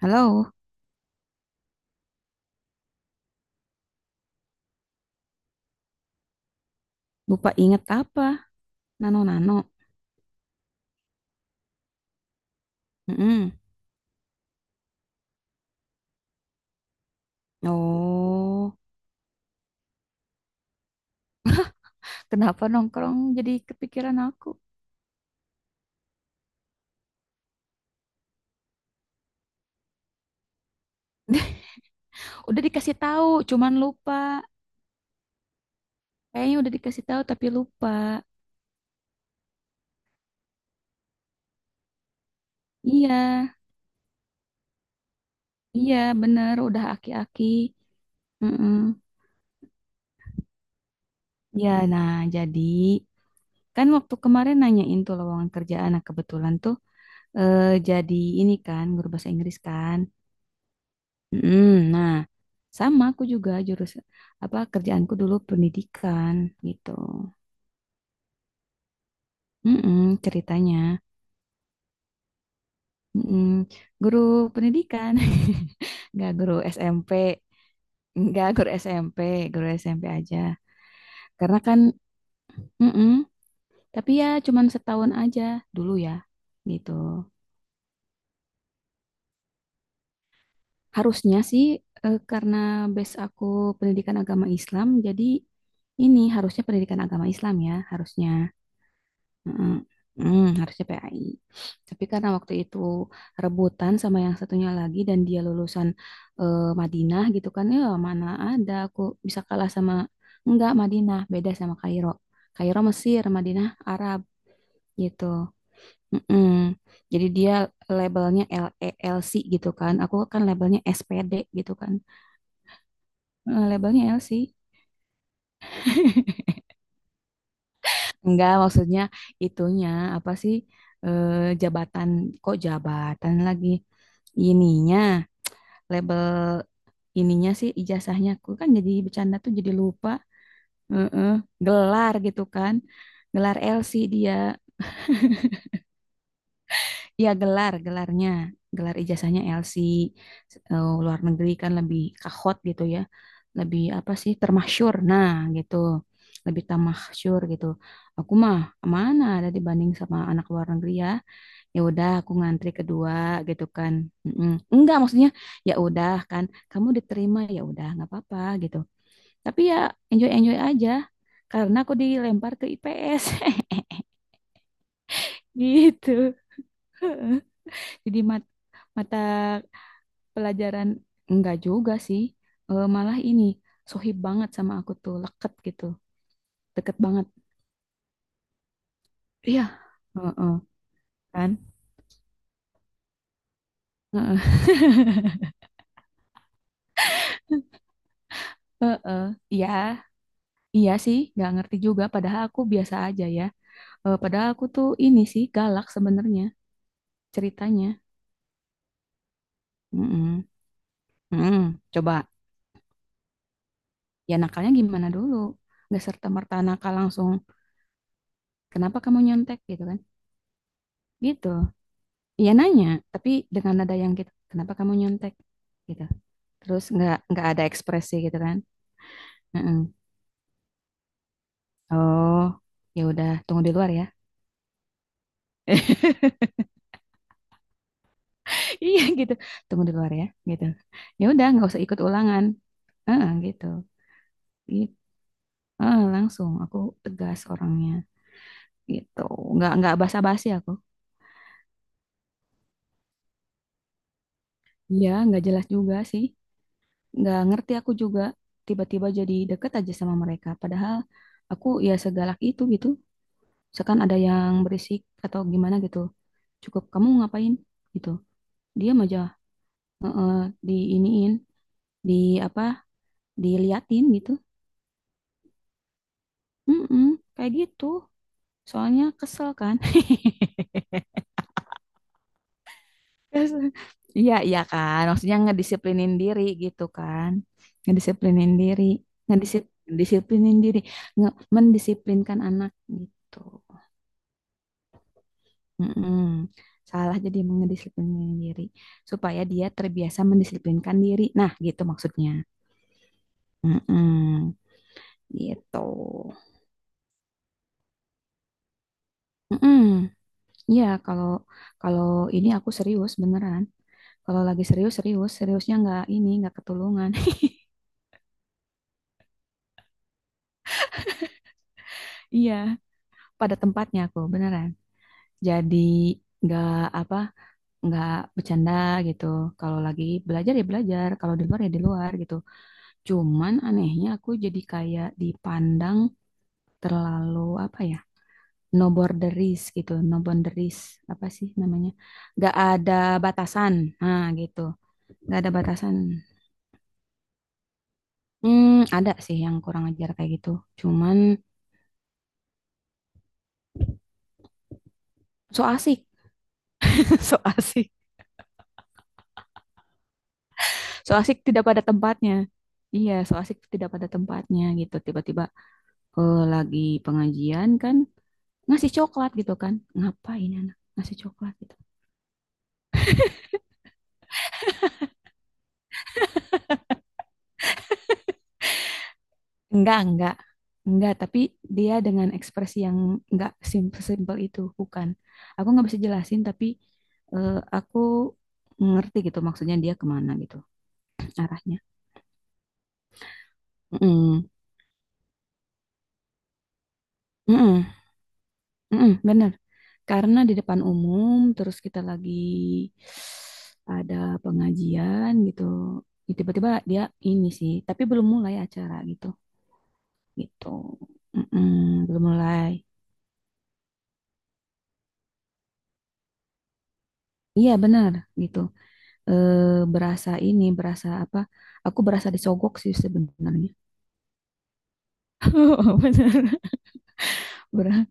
Halo, lupa inget apa? Nano Nano. Mm-mm. Oh, kenapa nongkrong jadi kepikiran aku? Udah dikasih tahu, cuman lupa. Kayaknya udah dikasih tahu tapi lupa. Iya, iya bener, udah aki-aki. Mm-mm. Ya, nah jadi kan waktu kemarin nanyain tuh lowongan kerjaan, nah kebetulan tuh jadi ini kan guru bahasa Inggris kan. Mm, nah, sama aku juga jurus apa kerjaanku dulu pendidikan gitu. Mm-mm, ceritanya. Mm-mm, guru pendidikan, nggak guru SMP, nggak guru SMP, guru SMP aja. Karena kan, mm-mm, tapi ya cuman setahun aja dulu ya, gitu. Harusnya sih karena base aku pendidikan agama Islam, jadi ini harusnya pendidikan agama Islam ya, harusnya. Mm-mm. Harusnya PAI. Tapi karena waktu itu rebutan sama yang satunya lagi dan dia lulusan Madinah gitu kan, ya mana ada aku bisa kalah sama enggak Madinah, beda sama Kairo. Kairo Mesir, Madinah Arab gitu. Mm-mm. Jadi dia labelnya LELC gitu kan. Aku kan labelnya SPD gitu kan. Labelnya LC. Enggak, maksudnya itunya apa sih, eh, jabatan, kok jabatan lagi, ininya label, ininya sih ijazahnya aku, kan jadi bercanda tuh jadi lupa. Heeh, gelar gitu kan, gelar LC dia, ya gelar gelarnya, gelar ijazahnya LC. Luar negeri kan lebih kahot gitu ya, lebih apa sih, termasyur, nah gitu, lebih termasyur gitu. Aku mah mana ada dibanding sama anak luar negeri ya, ya udah aku ngantri kedua gitu kan. Mm-mm. Enggak, maksudnya ya udah kan, kamu diterima ya udah nggak apa-apa gitu. Tapi ya enjoy enjoy aja karena aku dilempar ke IPS gitu. Jadi mata pelajaran, enggak juga sih. Malah ini, sohib banget sama aku tuh, leket gitu, deket banget. Iya. Heeh, kan. Heeh. Heeh. Iya, iya sih, nggak ngerti juga. Padahal aku biasa aja ya. Padahal aku tuh ini sih galak sebenarnya, ceritanya. Mm-mm. Mm-mm. Coba, ya nakalnya gimana dulu? Nggak serta-merta nakal langsung. Kenapa kamu nyontek gitu kan? Gitu. Iya nanya, tapi dengan nada yang gitu. Kenapa kamu nyontek? Gitu. Terus nggak ada ekspresi gitu kan? Mm-mm. Oh, ya udah tunggu di luar ya. Iya gitu. Tunggu di luar ya. Gitu. Ya udah nggak usah ikut ulangan. Heeh, gitu. Gitu. Heeh, langsung aku tegas orangnya. Gitu, nggak basa-basi aku. Iya nggak jelas juga sih, nggak ngerti aku juga, tiba-tiba jadi deket aja sama mereka. Padahal aku ya segalak itu gitu, misalkan ada yang berisik atau gimana gitu, cukup kamu ngapain, gitu, diam aja. Heeh, di di apa, diliatin gitu. Mm-mm, kayak gitu soalnya kesel kan. Terus, iya, iya kan. Maksudnya ngedisiplinin diri gitu kan. Ngedisiplinin diri. Ngedisip, Ngedisiplinin disiplinin diri. Mendisiplinkan anak gitu. Mm-mm. Salah jadi mengedisiplinin diri. Supaya dia terbiasa mendisiplinkan diri. Nah, gitu maksudnya. Mm-mm. Gitu. Mm-mm. Iya, kalau kalau ini aku serius beneran. Kalau lagi serius, serius. Seriusnya nggak ini, nggak ketulungan. Iya, pada tempatnya aku beneran. Jadi nggak, apa, nggak bercanda gitu. Kalau lagi belajar ya belajar, kalau di luar ya di luar gitu. Cuman anehnya aku jadi kayak dipandang terlalu, apa ya, no borderis gitu, no boundaries, apa sih namanya, nggak ada batasan, nah gitu, nggak ada batasan. Hmm, ada sih yang kurang ajar kayak gitu, cuman so asik. So asik, so asik tidak pada tempatnya. Iya, so asik tidak pada tempatnya gitu. Tiba-tiba, lagi pengajian kan, ngasih coklat gitu kan. Ngapain anak ngasih coklat gitu. Enggak, enggak. Enggak, tapi dia dengan ekspresi yang enggak simple-simple itu, bukan. Aku nggak bisa jelasin, tapi eh, aku ngerti gitu maksudnya, dia kemana gitu, arahnya. Mm-mm. Mm-mm. Mm-mm, bener. Karena di depan umum, terus kita lagi ada pengajian gitu. Tiba-tiba dia ini sih, tapi belum mulai acara gitu. Gitu. Mm-mm, belum mulai. Iya benar, gitu. Eh, berasa ini, berasa apa? Aku berasa disogok sih sebenarnya. Benar. Ber-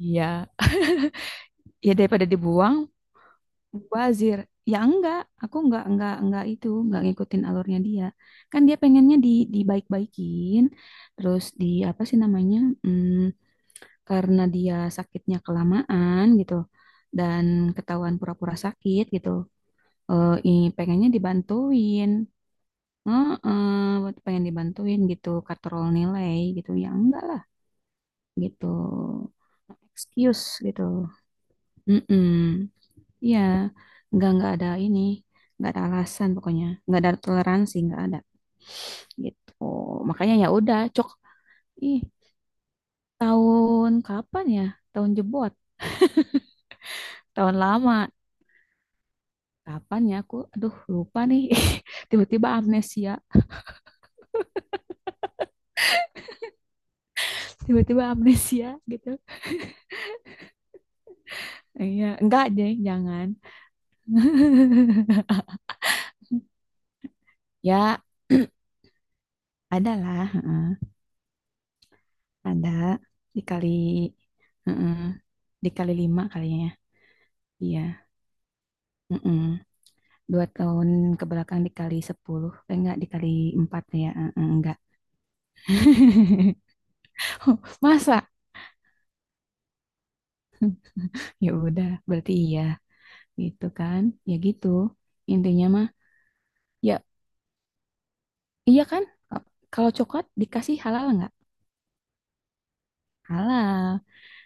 Iya. Ya daripada dibuang, bazir. Ya enggak, aku enggak itu, enggak ngikutin alurnya dia. Kan dia pengennya dibaik-baikin, terus di apa sih namanya, mm, karena dia sakitnya kelamaan gitu dan ketahuan pura-pura sakit gitu. Pengennya dibantuin. Heeh, pengen dibantuin gitu, katrol nilai gitu. Ya enggak lah gitu. No Excuse gitu. Mm-mm. Iya, enggak ada ini, enggak ada alasan pokoknya. Enggak ada toleransi, enggak ada. Gitu. Makanya ya udah, cok. Ih, tahun kapan ya? Tahun jebot, tahun lama. Kapan ya aku? Aduh, lupa nih. Tiba-tiba amnesia, tiba-tiba amnesia gitu. Iya, enggak deh, jangan. Ya, ada lah, heeh. Ada dikali, heeh, dikali lima kalinya, ya. Iya, heeh. Dua tahun ke belakang dikali sepuluh, enggak, dikali empat ya, heeh, enggak. Oh, masa? Ya udah, berarti iya, gitu kan? Ya gitu, intinya mah, ya iya kan? Kalau coklat dikasih halal enggak? Halal.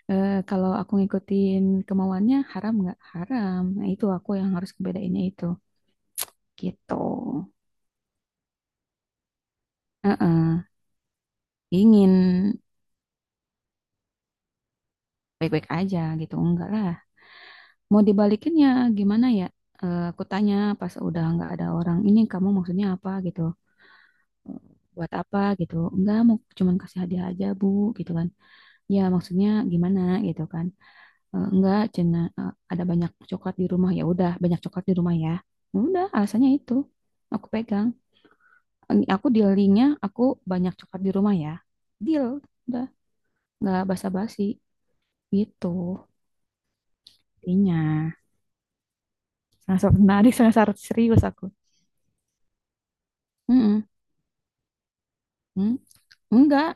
Kalau aku ngikutin kemauannya haram nggak? Haram. Nah, itu aku yang harus kebedainnya itu. Gitu. Heeh. Ingin baik-baik aja gitu. Enggak lah. Mau dibalikin ya gimana ya? Aku tanya pas udah nggak ada orang. Ini kamu maksudnya apa gitu? Buat apa gitu? Enggak, mau cuman kasih hadiah aja bu, gitu kan. Ya maksudnya gimana gitu kan. Enggak, cina, eh, ada banyak coklat di rumah. Ya udah, banyak coklat di rumah ya. Ya udah, alasannya itu. Aku pegang. Ini aku dealingnya aku, banyak coklat di rumah ya. Deal, udah nggak basa-basi gitu. Intinya, sangat menarik, sangat serius aku. Mm-mm. Mm. Enggak,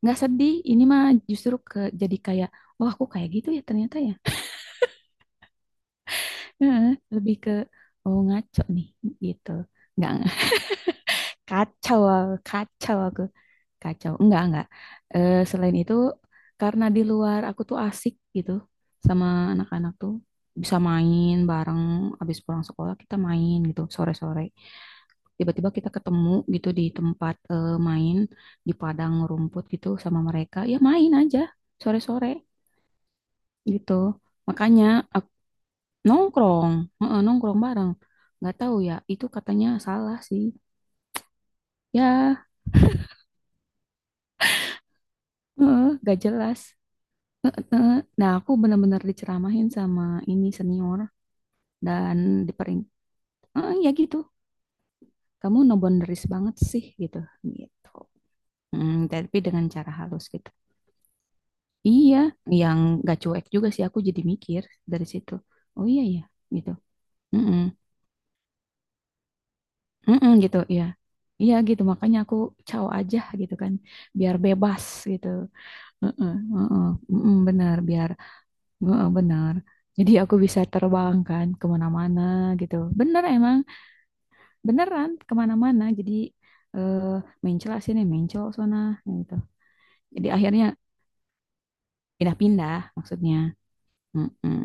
enggak sedih. Ini mah justru ke jadi kayak, oh aku kayak gitu ya ternyata ya. Heeh, lebih ke, oh ngaco nih gitu. Enggak. Kacau, kacau aku. Kacau. Enggak, enggak. Selain itu, karena di luar aku tuh asik gitu sama anak-anak tuh. Bisa main bareng, habis pulang sekolah kita main gitu, sore-sore. Tiba-tiba kita ketemu gitu di tempat, main, di padang rumput gitu sama mereka. Ya main aja, sore-sore gitu. Makanya aku nongkrong, heeh, nongkrong bareng. Nggak tahu ya, itu katanya salah sih. Ya, heeh, nggak jelas. Heeh. Nah, aku benar-benar diceramahin sama ini senior, dan dipering. "Eh, ya gitu. Kamu no boundaries banget sih gitu." Gitu. Hmm, tapi dengan cara halus gitu. Iya, yang gak cuek juga sih aku, jadi mikir dari situ. Oh iya ya, gitu. Mm-mm. Mm-mm, gitu ya. Iya gitu, makanya aku caw aja gitu kan, biar bebas gitu. Heeh, heeh, mm-mm, benar, biar, heeh, benar. Jadi aku bisa terbang kan kemana-mana gitu. Bener, emang beneran kemana-mana, jadi eh, mencela sini mencol sana gitu, jadi akhirnya pindah-pindah maksudnya. Mm-mm.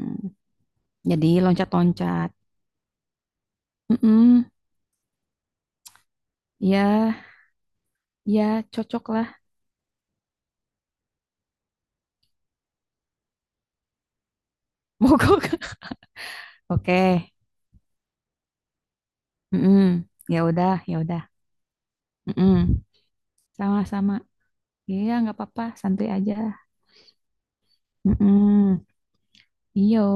Jadi loncat-loncat. Mm-mm. Ya, ya cocok lah. Mogok. Oke. Mm-mm. Ya udah, ya udah. Mm-mm. Sama-sama. Iya, nggak apa-apa, santuy aja. Mm-mm. Iyo.